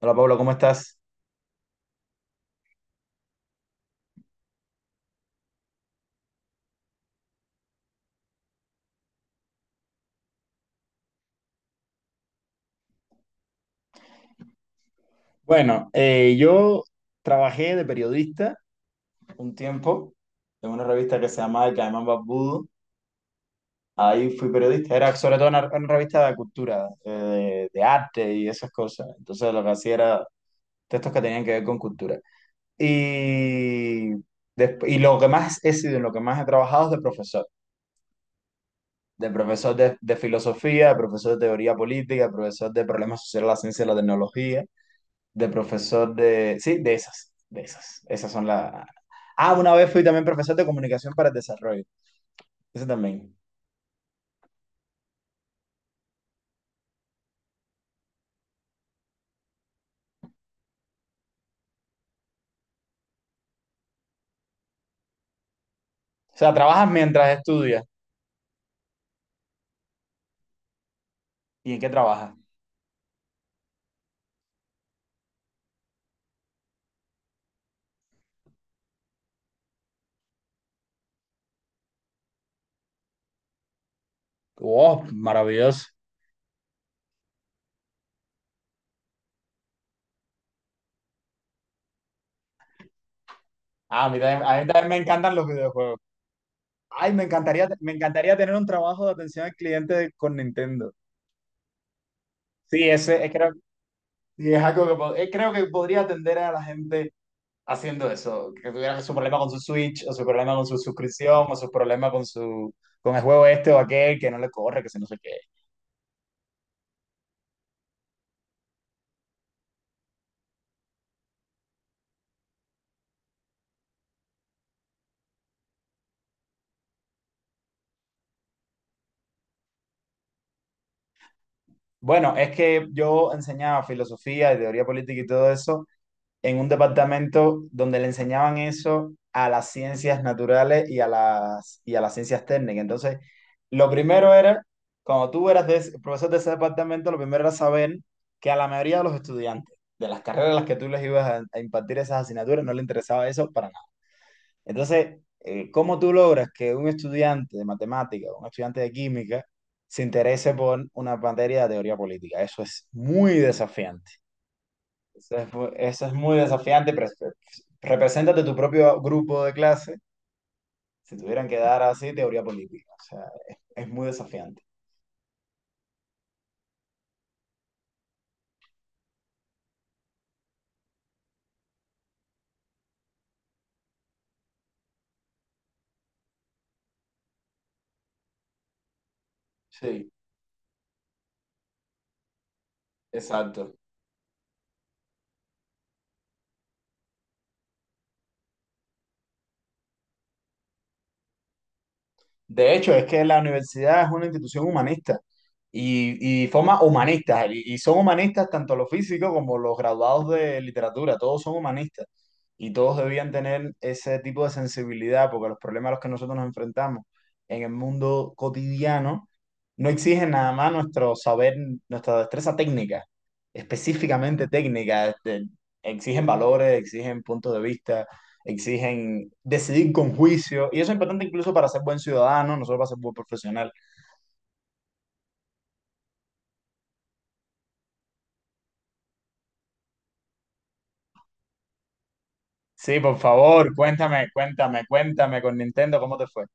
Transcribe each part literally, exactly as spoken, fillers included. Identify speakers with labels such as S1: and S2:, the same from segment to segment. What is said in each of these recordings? S1: Hola Pablo, ¿cómo estás? Bueno, eh, yo trabajé de periodista un tiempo en una revista que se llamaba Caimán Barbudo. Ahí fui periodista, era sobre todo una, una revista de cultura, eh, de, de arte y esas cosas. Entonces lo que hacía era textos que tenían que ver con cultura. Y, desp- y lo que más he sido, en lo que más he trabajado es de profesor. De profesor de, de filosofía, de profesor de teoría política, de profesor de problemas sociales, la ciencia y la tecnología de profesor de... Sí, de esas, de esas. Esas son las... Ah, una vez fui también profesor de comunicación para el desarrollo. Eso también. O sea, trabajas mientras estudias. ¿Y en qué trabajas? ¡Oh, maravilloso! Ah, a mí también, a mí también me encantan los videojuegos. Ay, me encantaría, me encantaría tener un trabajo de atención al cliente con Nintendo. Sí, ese es, creo, sí, es algo que po- eh, creo que podría atender a la gente haciendo eso, que tuviera su problema con su Switch, o su problema con su suscripción, o su problema con su con el juego este o aquel que no le corre, que se no sé qué. Bueno, es que yo enseñaba filosofía y teoría política y todo eso en un departamento donde le enseñaban eso a las ciencias naturales y a las, y a las ciencias técnicas. Entonces, lo primero era, cuando tú eras de ese- profesor de ese departamento, lo primero era saber que a la mayoría de los estudiantes de las carreras a las que tú les ibas a, a impartir esas asignaturas no le interesaba eso para. Entonces, eh, ¿cómo tú logras que un estudiante de matemática o un estudiante de química se interese por una materia de teoría política? Eso es muy desafiante. Eso es, mu- eso es muy desafiante. pre- Represéntate tu propio grupo de clase si tuvieran que dar así teoría política. O sea, es, es muy desafiante. Sí, exacto. De hecho, es que la universidad es una institución humanista y, y forma humanistas, y, y son humanistas tanto los físicos como los graduados de literatura, todos son humanistas y todos debían tener ese tipo de sensibilidad porque los problemas a los que nosotros nos enfrentamos en el mundo cotidiano no exigen nada más nuestro saber, nuestra destreza técnica, específicamente técnica, este, exigen valores, exigen puntos de vista, exigen decidir con juicio, y eso es importante incluso para ser buen ciudadano, no solo para ser buen profesional. Sí, por favor, cuéntame, cuéntame, cuéntame con Nintendo, ¿cómo te fue?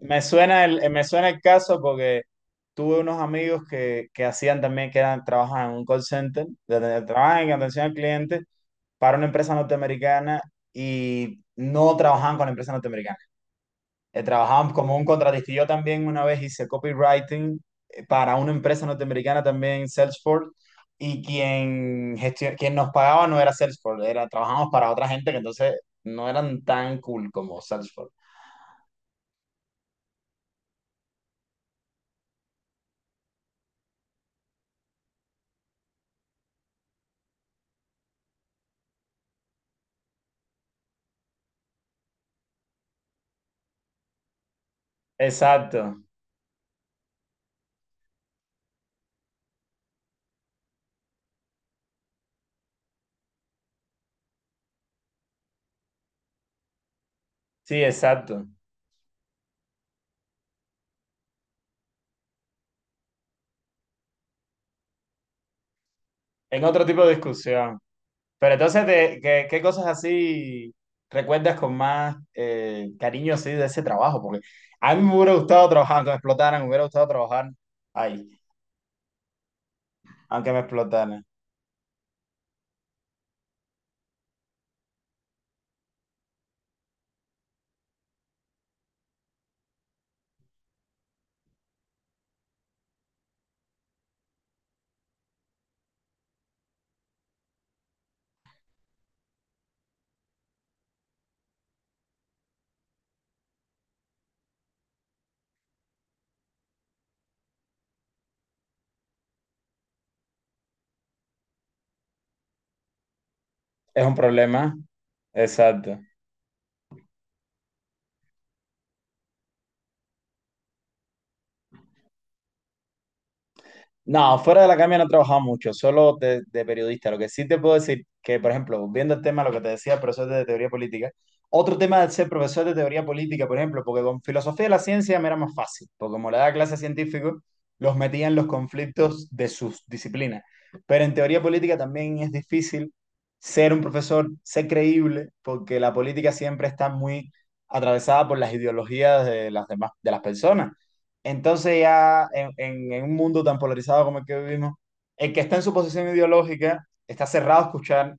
S1: Me suena el, eh, me suena el caso porque tuve unos amigos que, que hacían también, que eran, trabajan en un call center, de- de- trabajan en atención al cliente para una empresa norteamericana y no trabajaban con la empresa norteamericana. Eh, trabajaba como un contratista. Y yo también una vez hice copywriting, eh, para una empresa norteamericana también, Salesforce, y quien, gestio- quien nos pagaba no era Salesforce, era, trabajamos para otra gente que entonces no eran tan cool como Salesforce. Exacto, sí, exacto. En otro tipo de discusión. Pero entonces, de- ¿qué, qué cosas así recuerdas con más eh, cariño así de ese trabajo? Porque a mí me hubiera gustado trabajar, aunque me explotaran, me hubiera gustado trabajar ahí, aunque me explotaran. Es un problema, exacto. No, fuera de la academia no he trabajado mucho, solo de, de periodista. Lo que sí te puedo decir que, por ejemplo, viendo el tema, lo que te decía, profesor de teoría política, otro tema de ser profesor de teoría política, por ejemplo, porque con filosofía de la ciencia me era más fácil, porque como le daba clase a científicos, los metía en los conflictos de sus disciplinas. Pero en teoría política también es difícil ser un profesor, ser creíble, porque la política siempre está muy atravesada por las ideologías de las demás, de las personas. Entonces ya en, en- en un mundo tan polarizado como el que vivimos, el que está en su posición ideológica está cerrado a escuchar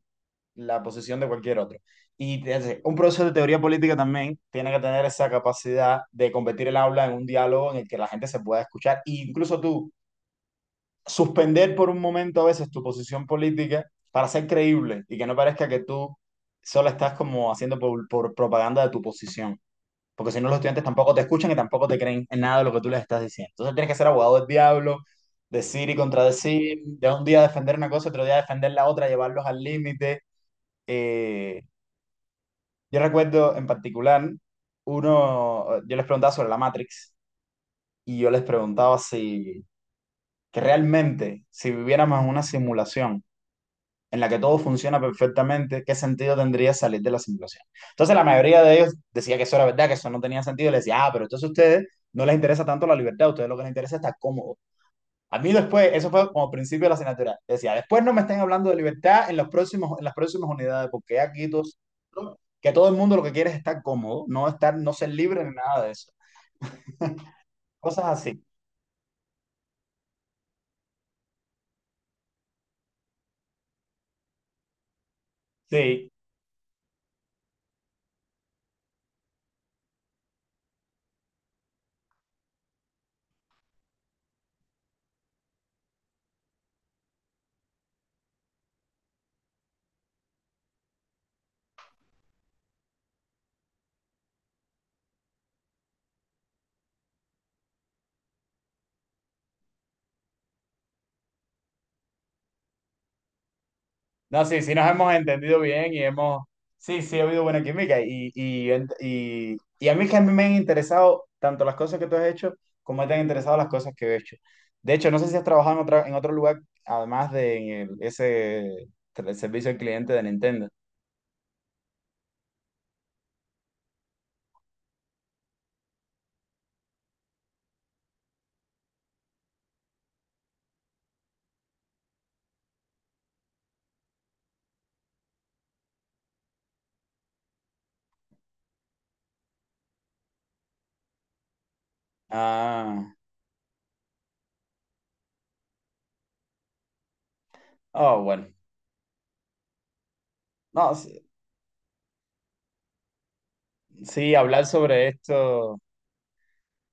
S1: la posición de cualquier otro. Y entonces, un profesor de teoría política también tiene que tener esa capacidad de convertir el aula en un diálogo en el que la gente se pueda escuchar e incluso tú suspender por un momento a veces tu posición política para ser creíble y que no parezca que tú solo estás como haciendo por por propaganda de tu posición, porque si no los estudiantes tampoco te escuchan y tampoco te creen en nada de lo que tú les estás diciendo. Entonces tienes que ser abogado del diablo, decir y contradecir, de un día defender una cosa, otro día defender la otra, llevarlos al límite. Eh, yo recuerdo en particular, uno, yo les preguntaba sobre la Matrix y yo les preguntaba si, que realmente, si viviéramos en una simulación, en la que todo funciona perfectamente, ¿qué sentido tendría salir de la simulación? Entonces la mayoría de ellos decía que eso era verdad, que eso no tenía sentido, y les decía, ah, pero entonces a ustedes no les interesa tanto la libertad, a ustedes lo que les interesa es estar cómodo. A mí después, eso fue como principio de la asignatura, decía, después no me estén hablando de libertad en, los próximos, en las próximas unidades, porque aquí todos, que todo el mundo lo que quiere es estar cómodo, no, estar, no ser libre ni nada de eso. Cosas así. Sí, no, sí, sí nos hemos entendido bien y hemos, sí, sí ha habido buena química y, y, ent- y, y a mí que a mí me han interesado tanto las cosas que tú has hecho como me te han interesado las cosas que he hecho. De hecho, no sé si has trabajado en otra, en otro lugar además de en el, ese el servicio al cliente de Nintendo. Ah, oh, bueno. No, sí, sí, hablar sobre esto,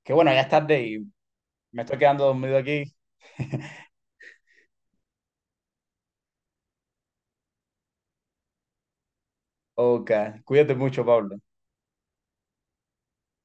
S1: que bueno, ya es tarde y me estoy quedando dormido aquí. Ok, cuídate mucho, Pablo.